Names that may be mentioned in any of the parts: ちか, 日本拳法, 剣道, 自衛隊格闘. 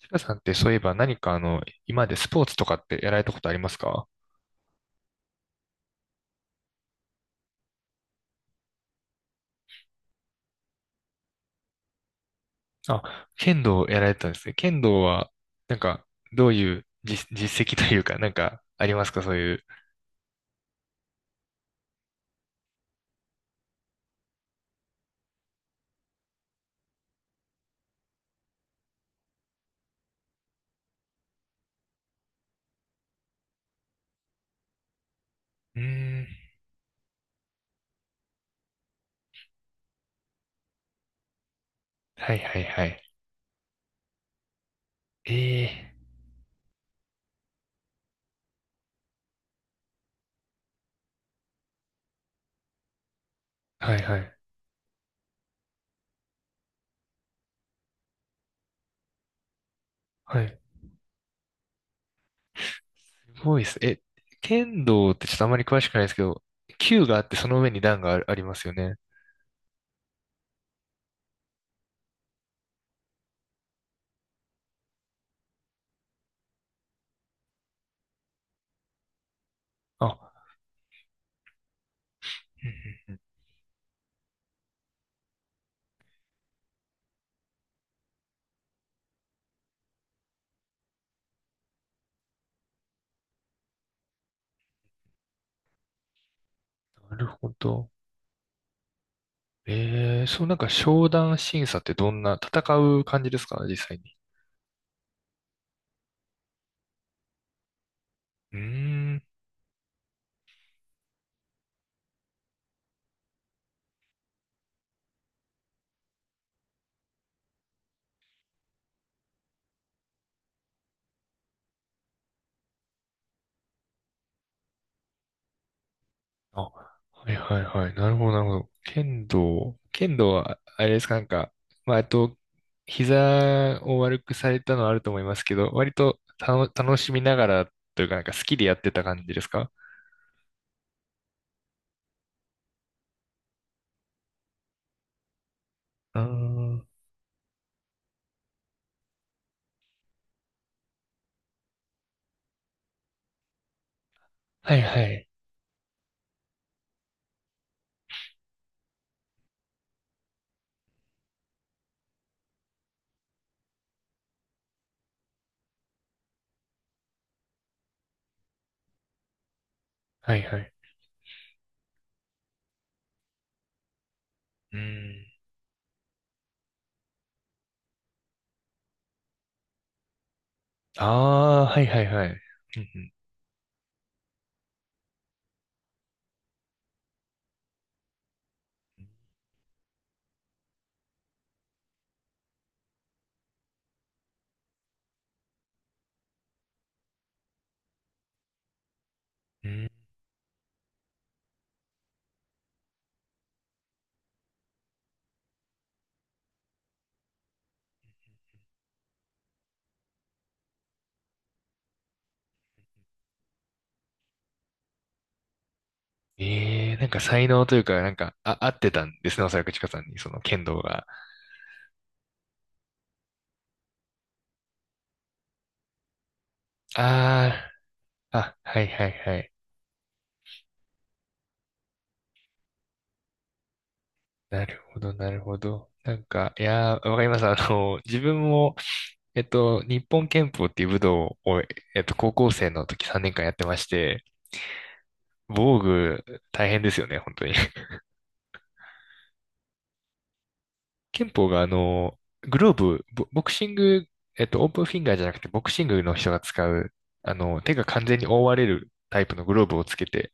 ちかさんってそういえば何か今までスポーツとかってやられたことありますか？あ、剣道をやられてたんですね。剣道は、なんか、どういう実績というか、なんか、ありますかそういう。うーん。はいはいはい。ええはいはい。はい。すごいです。え、剣道ってちょっとあまり詳しくないですけど、球があってその上に段がありますよね。あ、うんうんうんなるほど。そうなんか商談審査ってどんな、戦う感じですか、実際に。うーん。あ、はいはいはい。なるほどなるほど。剣道は、あれですか、なんか、まあ、膝を悪くされたのはあると思いますけど、割と楽しみながらというか、なんか好きでやってた感じですか？ああー、はいはい。はいはい。うん。ああ、はいはいはい。うんうん。うん。ええー、なんか才能というか、なんか、あ、合ってたんですね、おそらくちかさんに、その剣道が。ああ、あ、はいはいはい。なるほど、なるほど。なんか、いやー、わかります。あの、自分も、日本拳法っていう武道を、高校生の時3年間やってまして、防具、大変ですよね、本当に。拳法が、あの、グローブ、ボクシング、オープンフィンガーじゃなくて、ボクシングの人が使う、あの、手が完全に覆われるタイプのグローブをつけて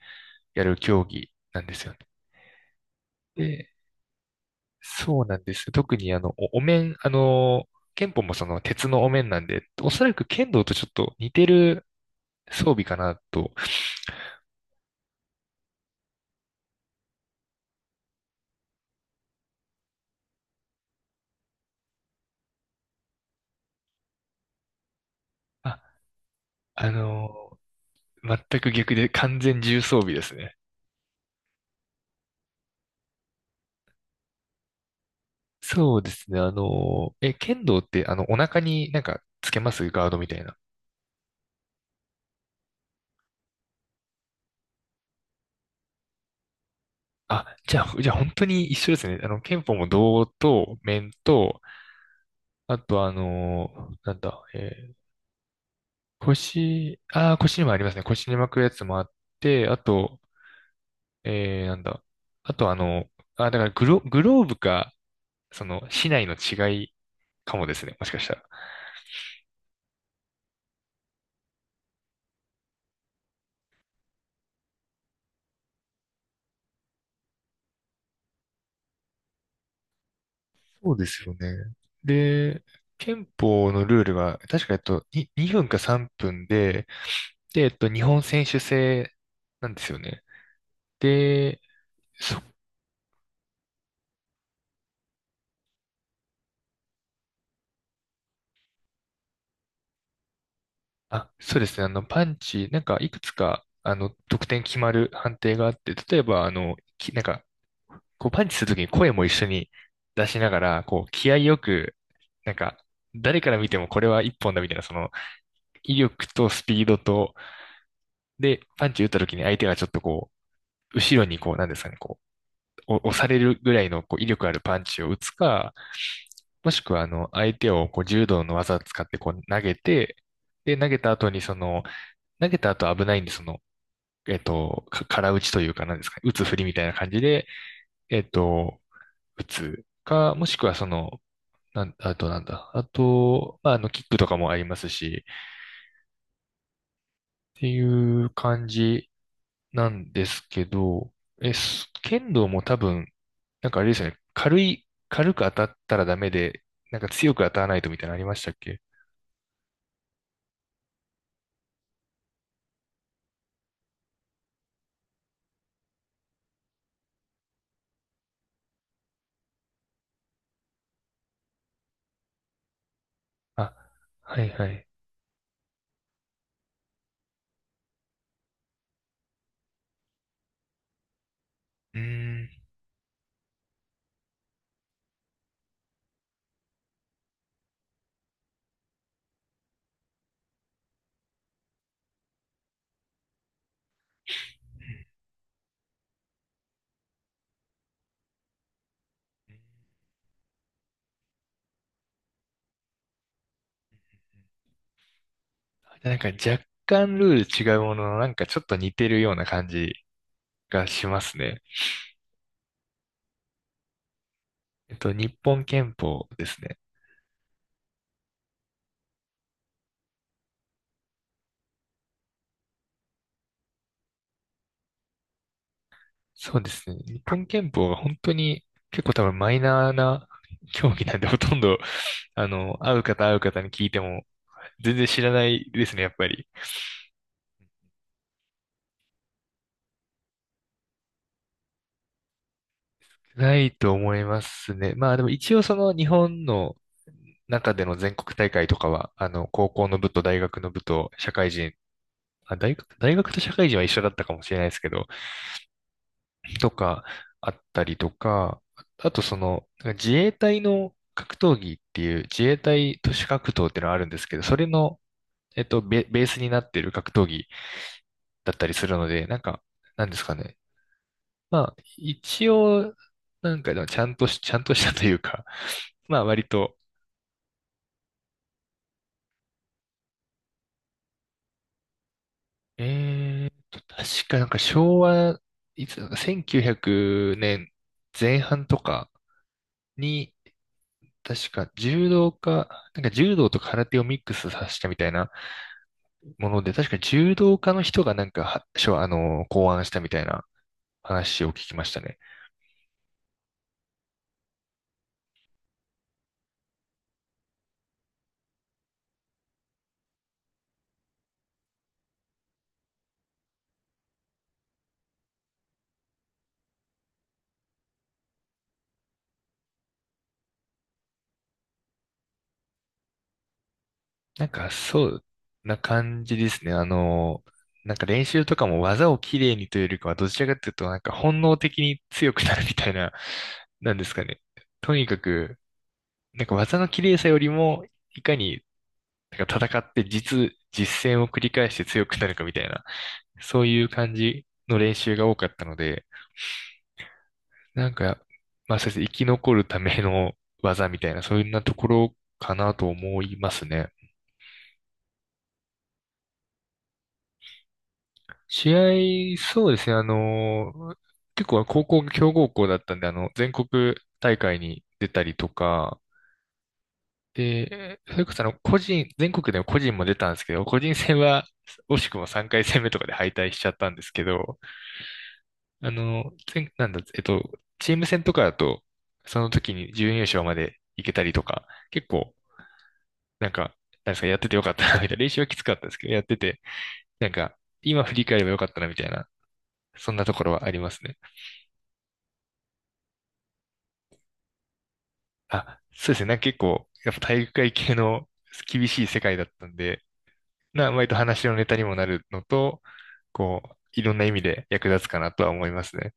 やる競技なんですよね。そうなんです。特にあの、お面、あの、剣法もその鉄のお面なんで、おそらく剣道とちょっと似てる装備かなと。あ、あの、全く逆で完全重装備ですね。そうですね。あの、え、剣道ってあの、お腹になんかつけますガードみたいな。あ、じゃあ、じゃあ本当に一緒ですね。あの、剣法も胴と面と、あとあの、なんだ、腰、あー、腰にもありますね。腰に巻くやつもあって、あと、なんだ。あとあの、あ、だからグローブか、その、市内の違いかもですね。もしかしたら。そうですよね。で、憲法のルールは確か、に2分か3分で、で、日本選手制なんですよね。で、そ、あ、そうですね。あの、パンチ、なんか、いくつか、あの、得点決まる判定があって、例えば、あの、なんか、こうパンチするときに声も一緒に出しながら、こう気合よく、なんか、誰から見てもこれは一本だみたいな、その威力とスピードと、で、パンチ打ったときに相手がちょっとこう、後ろにこう、なんですかね、こう、押されるぐらいのこう威力あるパンチを打つか、もしくはあの、相手をこう柔道の技を使ってこう投げて、で、投げた後にその、投げた後危ないんで、その、空打ちというか、なんですかね、打つ振りみたいな感じで、えっと、打つか、もしくはその、なん、あとなんだ。あと、まあ、あの、キックとかもありますし、っていう感じなんですけど、え、剣道も多分、なんかあれですよね。軽く当たったらダメで、なんか強く当たらないとみたいなのありましたっけ？あ、はいはい。うーん。なんか若干ルール違うものの、なんかちょっと似てるような感じがしますね。日本拳法ですね。そうですね。日本拳法は本当に結構多分マイナーな競技なんで、ほとんど、あの、会う方会う方に聞いても全然知らないですね、やっぱり。ないと思いますね。まあでも一応その日本の中での全国大会とかは、あの、高校の部と大学の部と社会人、あ、大学と社会人は一緒だったかもしれないですけど、とかあったりとか、あとその、自衛隊の格闘技っていう自衛隊都市格闘っていうのがあるんですけど、それのベースになっている格闘技だったりするので、なんか、なんですかね。まあ、一応、なんか、ちゃんとしたというか、まあ、割と、確かなんか昭和、いつだか、1900年前半とかに、確か柔道家、なんか柔道と空手をミックスさせたみたいなもので、確か柔道家の人がなんか、は、しょあの、考案したみたいな話を聞きましたね。なんか、そうな感じですね。あの、なんか練習とかも技をきれいにというよりかは、どちらかというと、なんか本能的に強くなるみたいな、なんですかね。とにかく、なんか技の綺麗さよりも、いかに、なんか戦って実践を繰り返して強くなるかみたいな、そういう感じの練習が多かったので、なんか、まあそうですね、生き残るための技みたいな、そういうようなところかなと思いますね。試合、そうですね、あの、結構高校が強豪校だったんで、あの、全国大会に出たりとか、で、それこそあの、個人、全国でも個人も出たんですけど、個人戦は惜しくも3回戦目とかで敗退しちゃったんですけど、あの、なんだ、チーム戦とかだと、その時に準優勝まで行けたりとか、結構、なんか、なんですか、やっててよかったな、みたいな、練習はきつかったですけど、やってて、なんか、今振り返ればよかったな、みたいな、そんなところはありますね。あ、そうですね。なんか結構、やっぱ体育会系の厳しい世界だったんで、割と話のネタにもなるのと、こう、いろんな意味で役立つかなとは思いますね。